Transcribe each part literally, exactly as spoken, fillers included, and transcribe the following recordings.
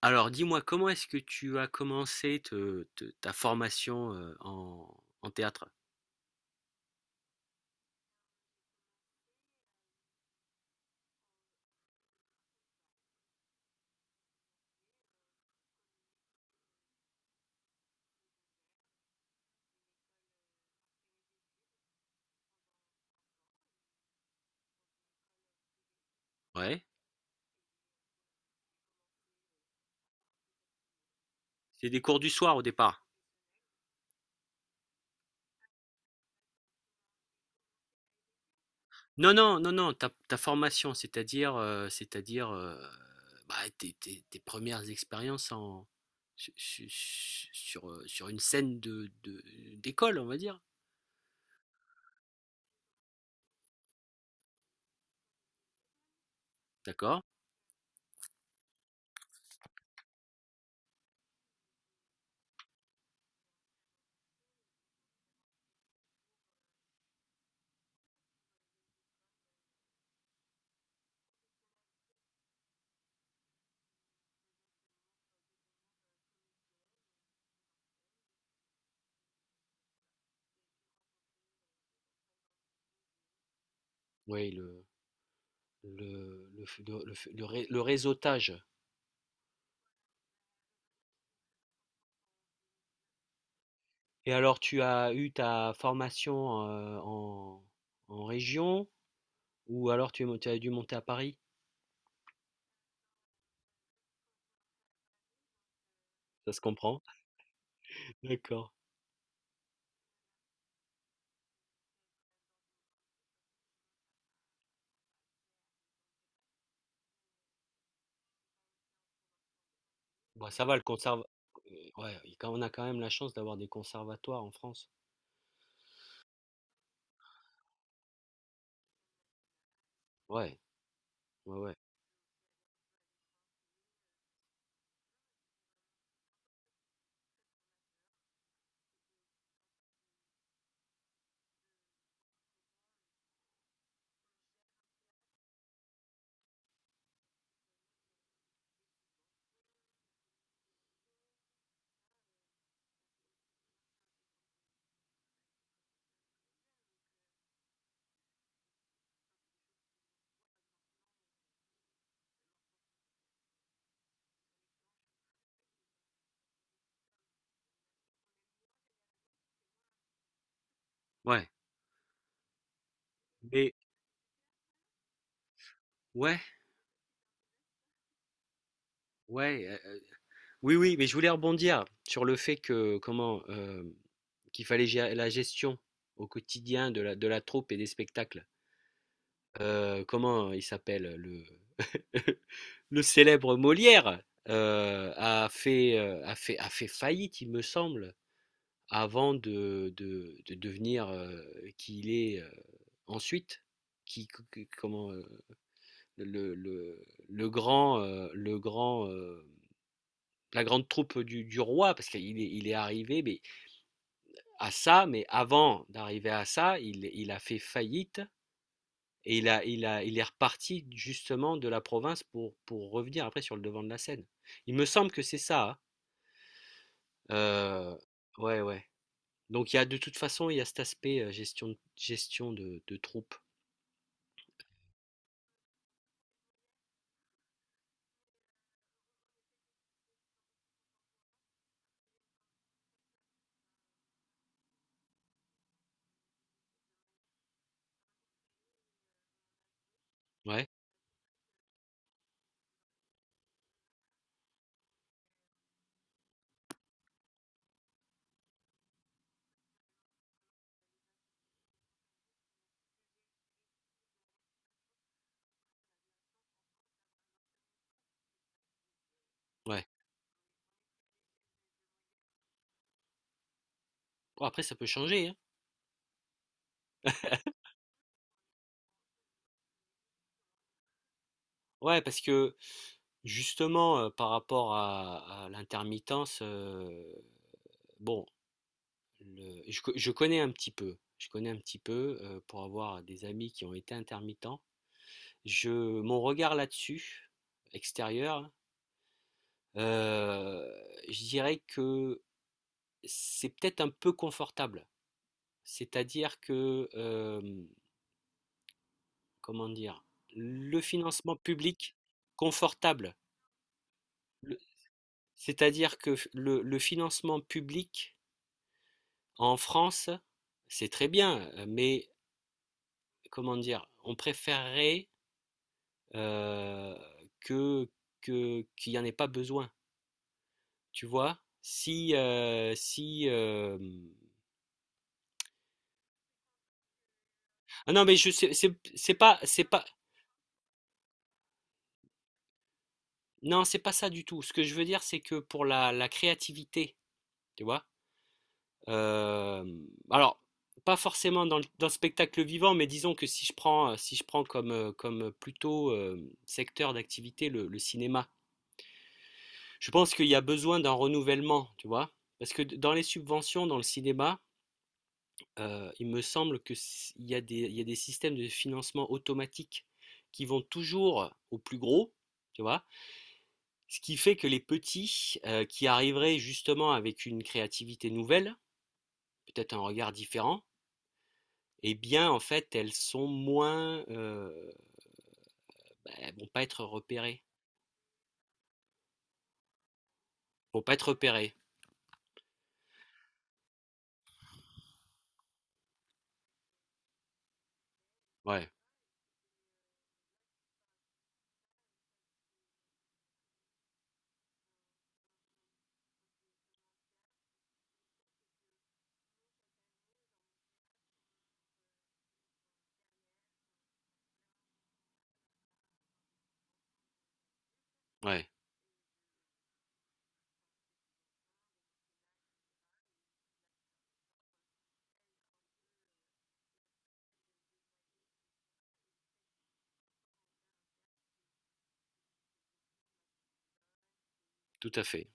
Alors dis-moi, comment est-ce que tu as commencé te te ta formation, heu, en en théâtre? Ouais? C'est des cours du soir au départ? Non, non, non, non, ta ta formation, c'est-à-dire, heu, c'est-à-dire, heu, bah, tes tes tes premières expériences en su su su sur, heu, sur une scène de de d'école, on va dire? D'accord. Oui, le le le f le le f le ré le réseautage. Et alors tu as eu ta formation, heu, en en région? Ou alors tu es mon tu as dû monter à Paris? Ça se comprend. D'accord. Bah, ça va le conserv heu, ouais, il quand on a quand même la chance d'avoir des conservatoires en France. Ouais, ouais, ouais. Ouais, mais ouais, ouais, heu, heu, oui, oui, mais je voulais rebondir sur le fait que comment, hem, qu'il fallait gérer la gestion au quotidien de la de la troupe et des spectacles. Heu, comment il s'appelle le le célèbre Molière, heu, a fait, heu, a fait a fait faillite, il me semble. Avant de de de devenir, heu, qui il est, heu, ensuite, qui co comment, heu, le le le grand, heu, le grand, heu, la grande troupe du du roi parce qu'il est il est arrivé, mais à ça, mais avant d'arriver à ça, il il a fait faillite et il a il a il est reparti justement de la province pour pour revenir après sur le devant de la scène. Il me semble que c'est ça, hein? Heu, ouais, ouais. Donc il y a de toute façon, il y a cet aspect, heu, gestion de- gestion de de troupe. Ouais, ouais. Bon, après, ça peut changer, hein. Ouais, parce que justement, euh, par rapport à, à l'intermittence, euh, bon, le- je, co- je connais un petit peu. Je connais un petit peu euh, pour avoir des amis qui ont été intermittents. Je, Mon regard là-dessus, extérieur, euh, je dirais que c'est peut-être un peu confortable. C'est-à-dire que, euh, comment dire, le financement public. Confortable. C'est-à-dire que le, le financement public en France, c'est très bien, euh, mais comment dire, on préférerait euh, que, que- qu'il n'y en ait pas besoin, tu vois? Si, euh, si, euh, ah non, mais je sais, c'est, c'est pas, c'est pas, non, c'est pas ça du tout. Ce que je veux dire, c'est que pour la, la créativité, tu vois. Euh, alors, pas forcément dans le, dans le spectacle vivant, mais disons que si je prends, euh, si je prends comme, euh, comme plutôt euh, secteur d'activité le, le cinéma, je pense qu'il y a besoin d'un renouvellement, tu vois. Parce que d- dans les subventions, dans le cinéma, euh, il me semble que il y a des, il y a des systèmes de financement automatiques qui vont toujours au plus gros, tu vois. Ce qui fait que les petits, euh, qui arriveraient justement avec une créativité nouvelle, peut-être un regard différent, eh bien, en fait, elles sont moins, heu, bah, elles vont pas être repérées. Vont pas être repérées. Ouais, ouais, tout à fait.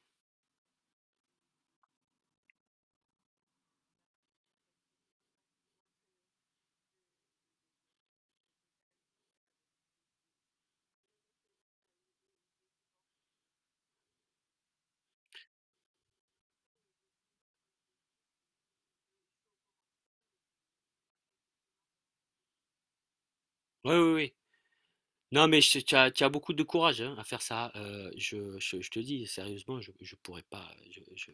Ouais, oui, oui. Non, mais je tu as tu as beaucoup de courage, hein, à faire ça, heu, je je je te dis sérieusement, je je pourrais pas, je je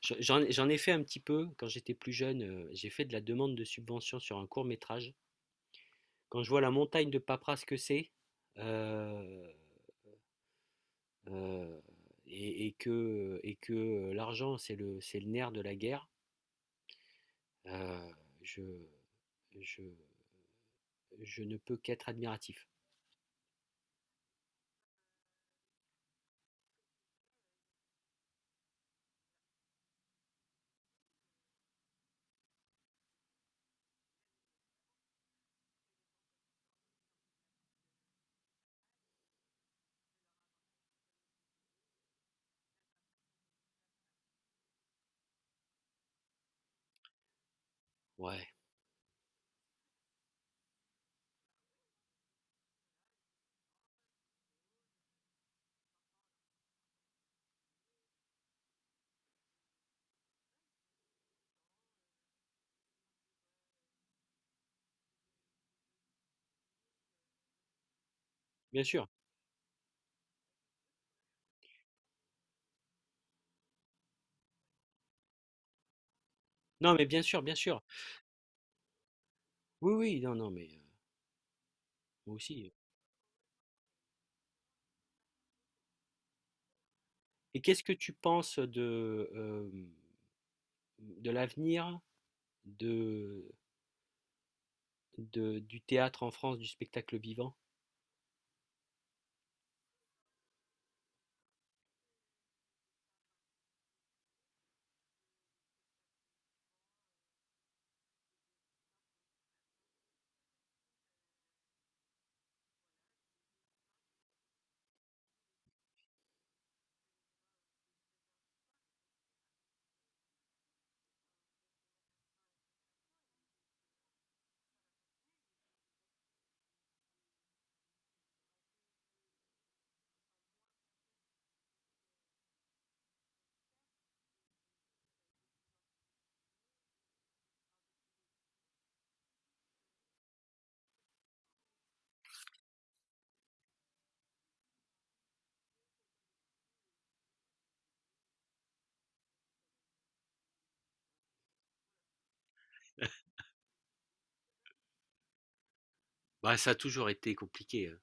je j'en j'en ai fait un petit peu quand j'étais plus jeune, heu, j'ai fait de la demande de subvention sur un court-métrage. Quand je vois la montagne de paperasse que c'est, heu heu et et que et que, l'argent, c'est le c'est le nerf de la guerre. Heu, je je je ne peux qu'être admiratif. Ouais, bien sûr. Non, mais bien sûr, bien sûr. Oui, oui, non, non, mais heu, moi aussi. Et qu'est-ce que tu penses de, hem, de l'avenir de de du théâtre en France, du spectacle vivant? Bah, ça a toujours été compliqué.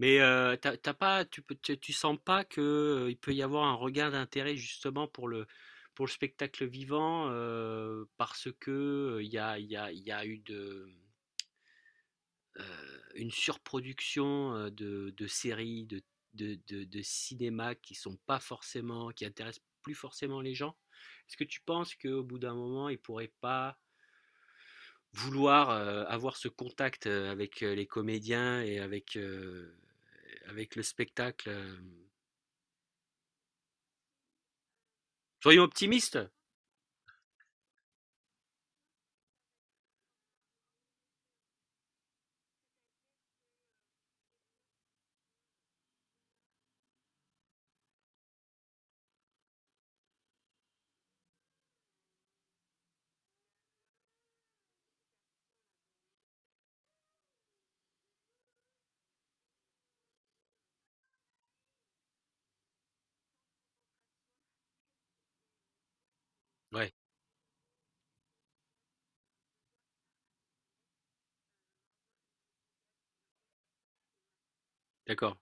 Mais euh, t'as t'as pas, tu, peux- tu, tu sens pas que, euh, il peut y avoir un regain d'intérêt justement pour le, pour le spectacle vivant euh, parce que euh, il y a, il y a, il y a eu de, euh, une surproduction euh, de, de séries, de, de, de, de cinéma qui sont pas forcément, qui intéressent plus forcément les gens. Est-ce que tu penses qu'au bout d'un moment, ils pourraient pas vouloir euh, avoir ce contact euh, avec euh, les comédiens et avec, euh, avec le spectacle? euh, Soyons optimistes? Ouais, d'accord.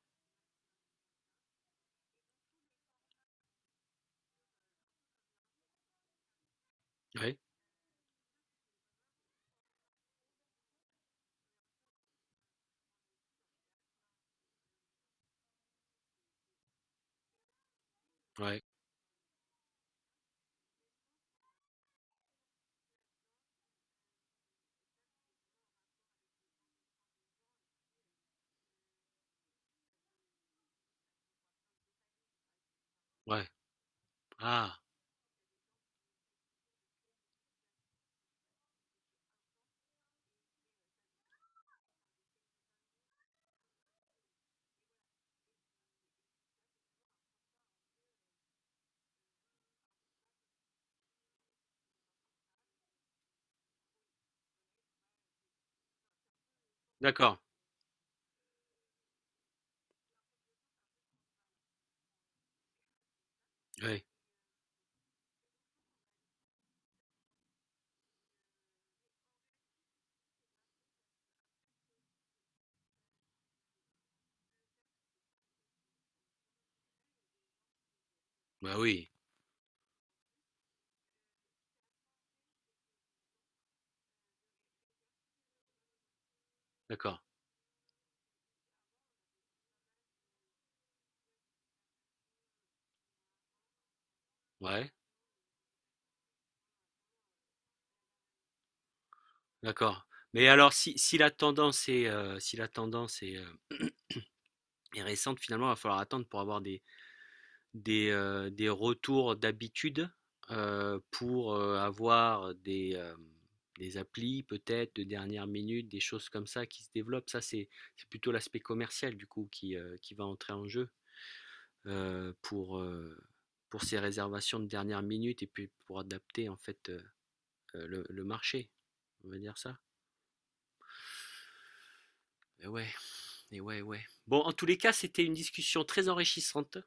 Ouais, ouais, ouais. Ah, d'accord. Ouais, bah oui, d'accord. Ouais, d'accord. Mais alors, si, si la tendance est, euh, si la tendance est, euh, est récente, finalement, il va falloir attendre pour avoir des, des, euh, des retours d'habitude, euh, pour euh, avoir des, euh, des applis, peut-être, de dernière minute, des choses comme ça qui se développent. Ça, c'est, c'est plutôt l'aspect commercial, du coup, qui, euh, qui va entrer en jeu. euh, pour, euh, pour ces réservations de dernière minute et puis pour adapter en fait euh, euh, le, le marché. On va dire ça. Et ouais, et ouais, ouais. Bon, en tous les cas, c'était une discussion très enrichissante.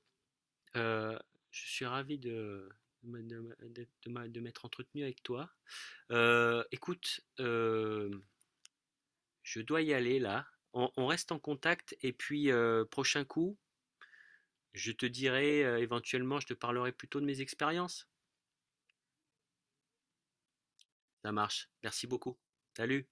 Euh, je suis ravi de, de, de m'a- de- de m'a- de m'être entretenu avec toi. Euh, écoute, euh, je dois y aller là. On, on reste en contact et puis euh, prochain coup, je te dirai euh, éventuellement, je te parlerai plutôt de mes expériences. Ça marche. Merci beaucoup. Salut.